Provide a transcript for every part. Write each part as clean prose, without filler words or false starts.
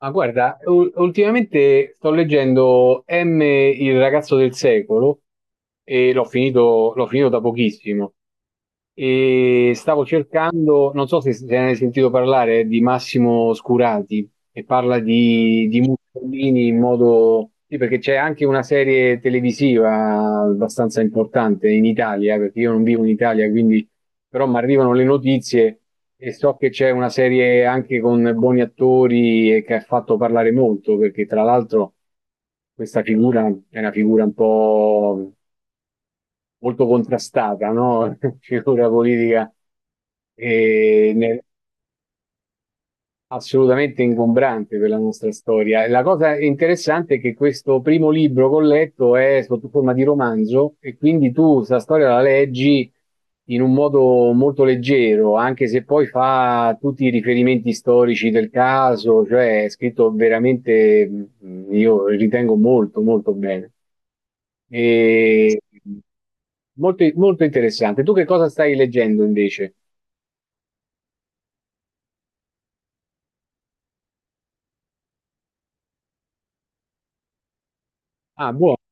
Ma guarda, ultimamente sto leggendo M, il ragazzo del secolo, e l'ho finito da pochissimo. E stavo cercando, non so se, se ne hai sentito parlare, di Massimo Scurati, e parla di Mussolini in modo... Sì, perché c'è anche una serie televisiva abbastanza importante in Italia, perché io non vivo in Italia, quindi però mi arrivano le notizie e so che c'è una serie anche con buoni attori e che ha fatto parlare molto, perché tra l'altro questa figura è una figura un po' molto contrastata, no? Figura politica. E ne- Assolutamente ingombrante per la nostra storia. La cosa interessante è che questo primo libro che ho letto è sotto forma di romanzo e quindi tu questa storia la leggi in un modo molto leggero, anche se poi fa tutti i riferimenti storici del caso, cioè è scritto veramente, io ritengo molto, molto bene. E molto, molto interessante. Tu che cosa stai leggendo invece? Ah, buono.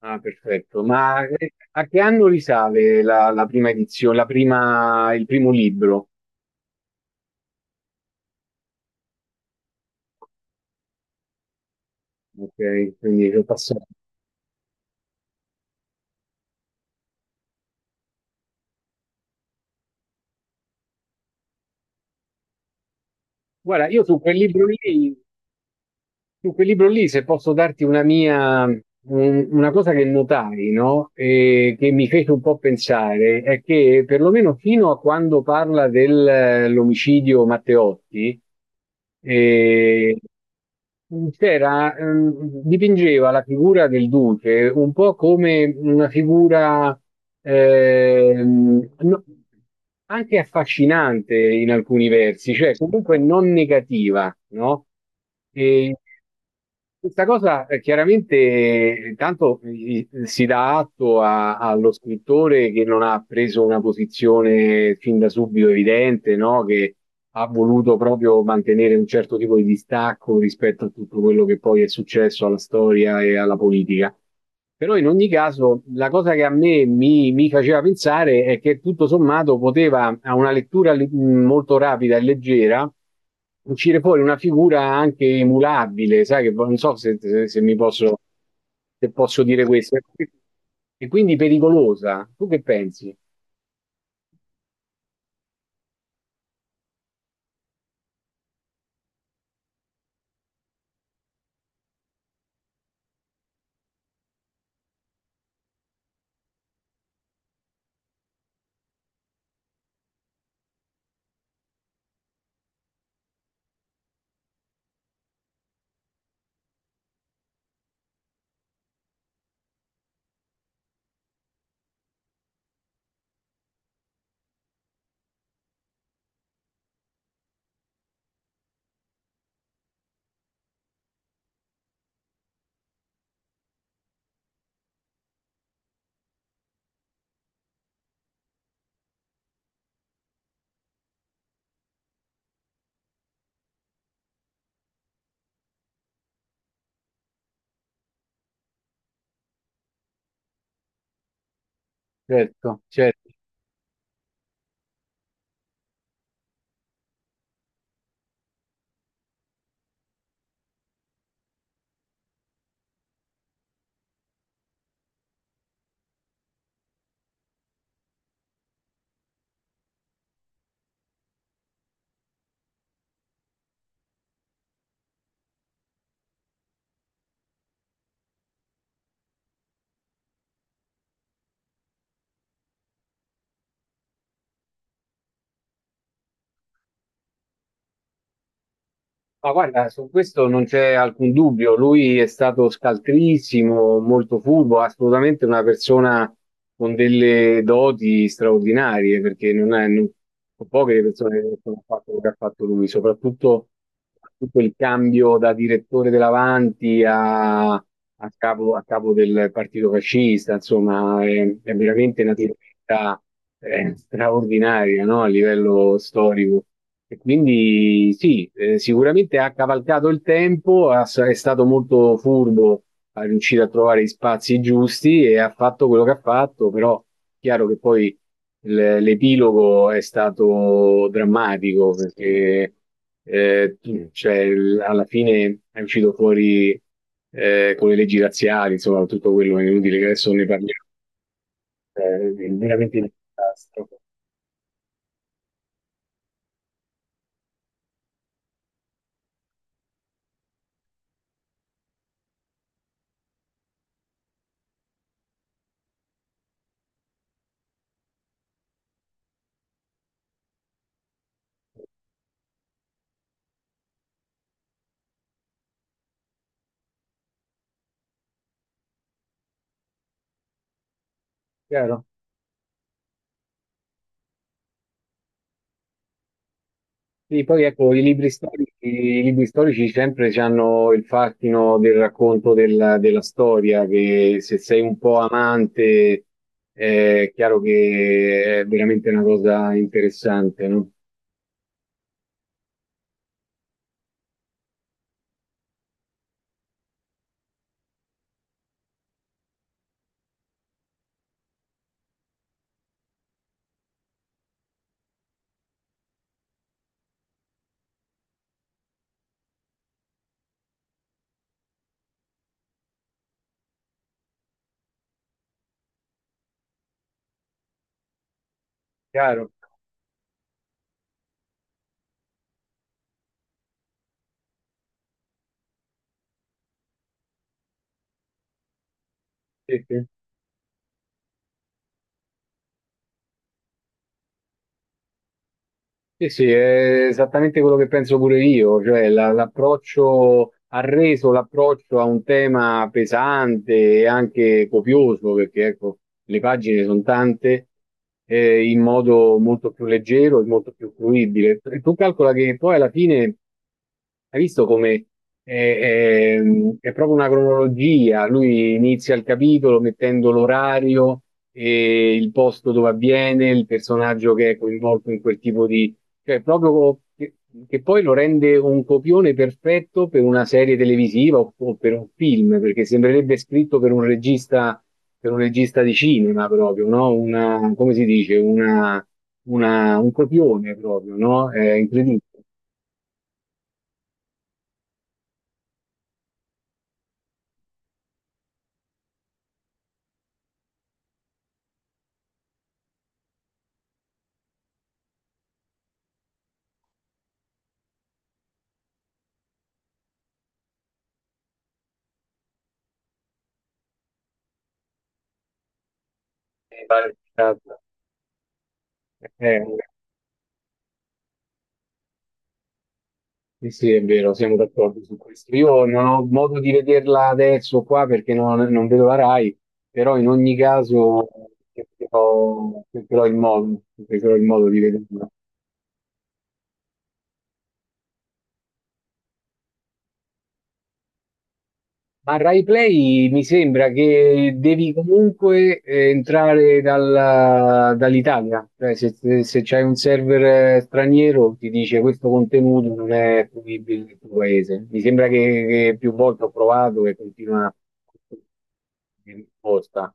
Ah, perfetto. Ma a che anno risale la prima edizione, il primo libro? Ok, quindi è passato. Guarda, io su quel libro lì. Su quel libro lì, se posso darti una mia, una cosa che notai, no? E che mi fece un po' pensare, è che perlomeno fino a quando parla dell'omicidio Matteotti, eh, c'era, dipingeva la figura del duce un po' come una figura ehm, no- anche affascinante in alcuni versi, cioè comunque non negativa, no? E questa cosa chiaramente tanto si dà atto allo scrittore che non ha preso una posizione fin da subito evidente, no? Che ha voluto proprio mantenere un certo tipo di distacco rispetto a tutto quello che poi è successo alla storia e alla politica. Però in ogni caso la cosa che a me mi faceva pensare è che tutto sommato poteva, a una lettura molto rapida e leggera, uscire fuori una figura anche emulabile, sai che non so se, se mi posso, se posso dire questo, e quindi pericolosa. Tu che pensi? Certo, certo. Ma guarda, su questo non c'è alcun dubbio, lui è stato scaltrissimo, molto furbo, assolutamente una persona con delle doti straordinarie, perché non è, non- sono poche le persone che hanno fatto quello che ha fatto lui, soprattutto tutto il cambio da direttore dell'Avanti a capo del partito fascista, insomma, è veramente una. Sì, tremenda, straordinaria, no? A livello storico. E quindi sì, sicuramente ha cavalcato il tempo, è stato molto furbo, ha riuscito a trovare gli spazi giusti e ha fatto quello che ha fatto, però è chiaro che poi l'epilogo è stato drammatico perché cioè, alla fine è uscito fuori, con le leggi razziali, insomma, tutto quello è inutile che adesso ne parliamo, è veramente un disastro. Chiaro. Sì, poi ecco, i libri storici sempre hanno il fascino del racconto della storia, che se sei un po' amante è chiaro che è veramente una cosa interessante, no? Chiaro? Sì, sì. Sì, sì, è esattamente quello che penso pure io, cioè l'approccio ha reso l'approccio a un tema pesante e anche copioso, perché ecco, le pagine sono tante, in modo molto più leggero e molto più fruibile. Tu calcola che poi alla fine hai visto come è, è- è proprio una cronologia, lui inizia il capitolo mettendo l'orario e il posto dove avviene, il personaggio che è coinvolto in quel tipo, cioè, proprio che poi lo rende un copione perfetto per una serie televisiva o per un film, perché sembrerebbe scritto per un regista di cinema proprio, no? Una, come si dice? Una, un copione proprio, no? È incredibile. Eh, Sì, sì, è vero, siamo d'accordo su questo. Io non ho modo di vederla adesso qua perché non vedo la Rai, però in ogni caso cercherò, cercherò il modo di vederla. Ma Rai Play mi sembra che devi comunque entrare dall'Italia, cioè se, se se c'hai un server straniero ti dice questo contenuto non è fruibile nel tuo paese. Mi sembra che più volte ho provato e continua di risposta.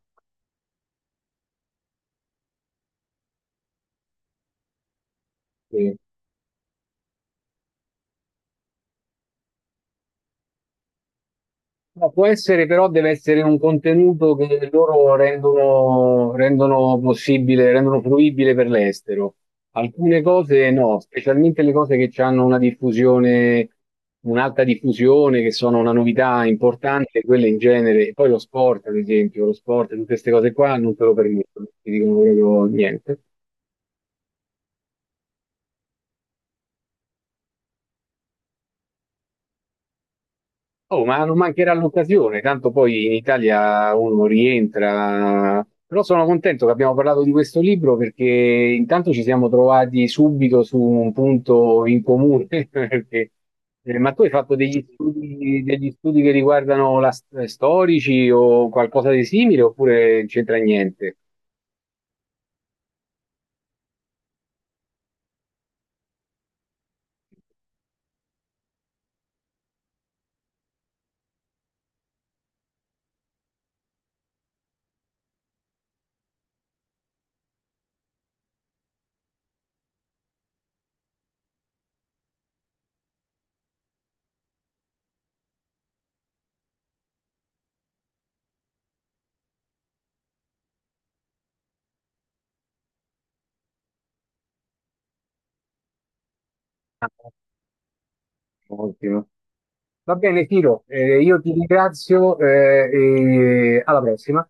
Sì. No, può essere, però deve essere un contenuto che loro rendono, rendono possibile, rendono fruibile per l'estero. Alcune cose no, specialmente le cose che hanno una diffusione, un'alta diffusione, che sono una novità importante, quelle in genere, e poi lo sport, ad esempio, lo sport, tutte queste cose qua non te lo permettono, ti dicono proprio niente. Oh, ma non mancherà l'occasione, tanto poi in Italia uno rientra. Però sono contento che abbiamo parlato di questo libro perché intanto ci siamo trovati subito su un punto in comune. perché- ma tu hai fatto degli studi che riguardano la, storici o qualcosa di simile oppure non c'entra niente? Ah, ottimo. Va bene, Tiro, io ti ringrazio, e alla prossima.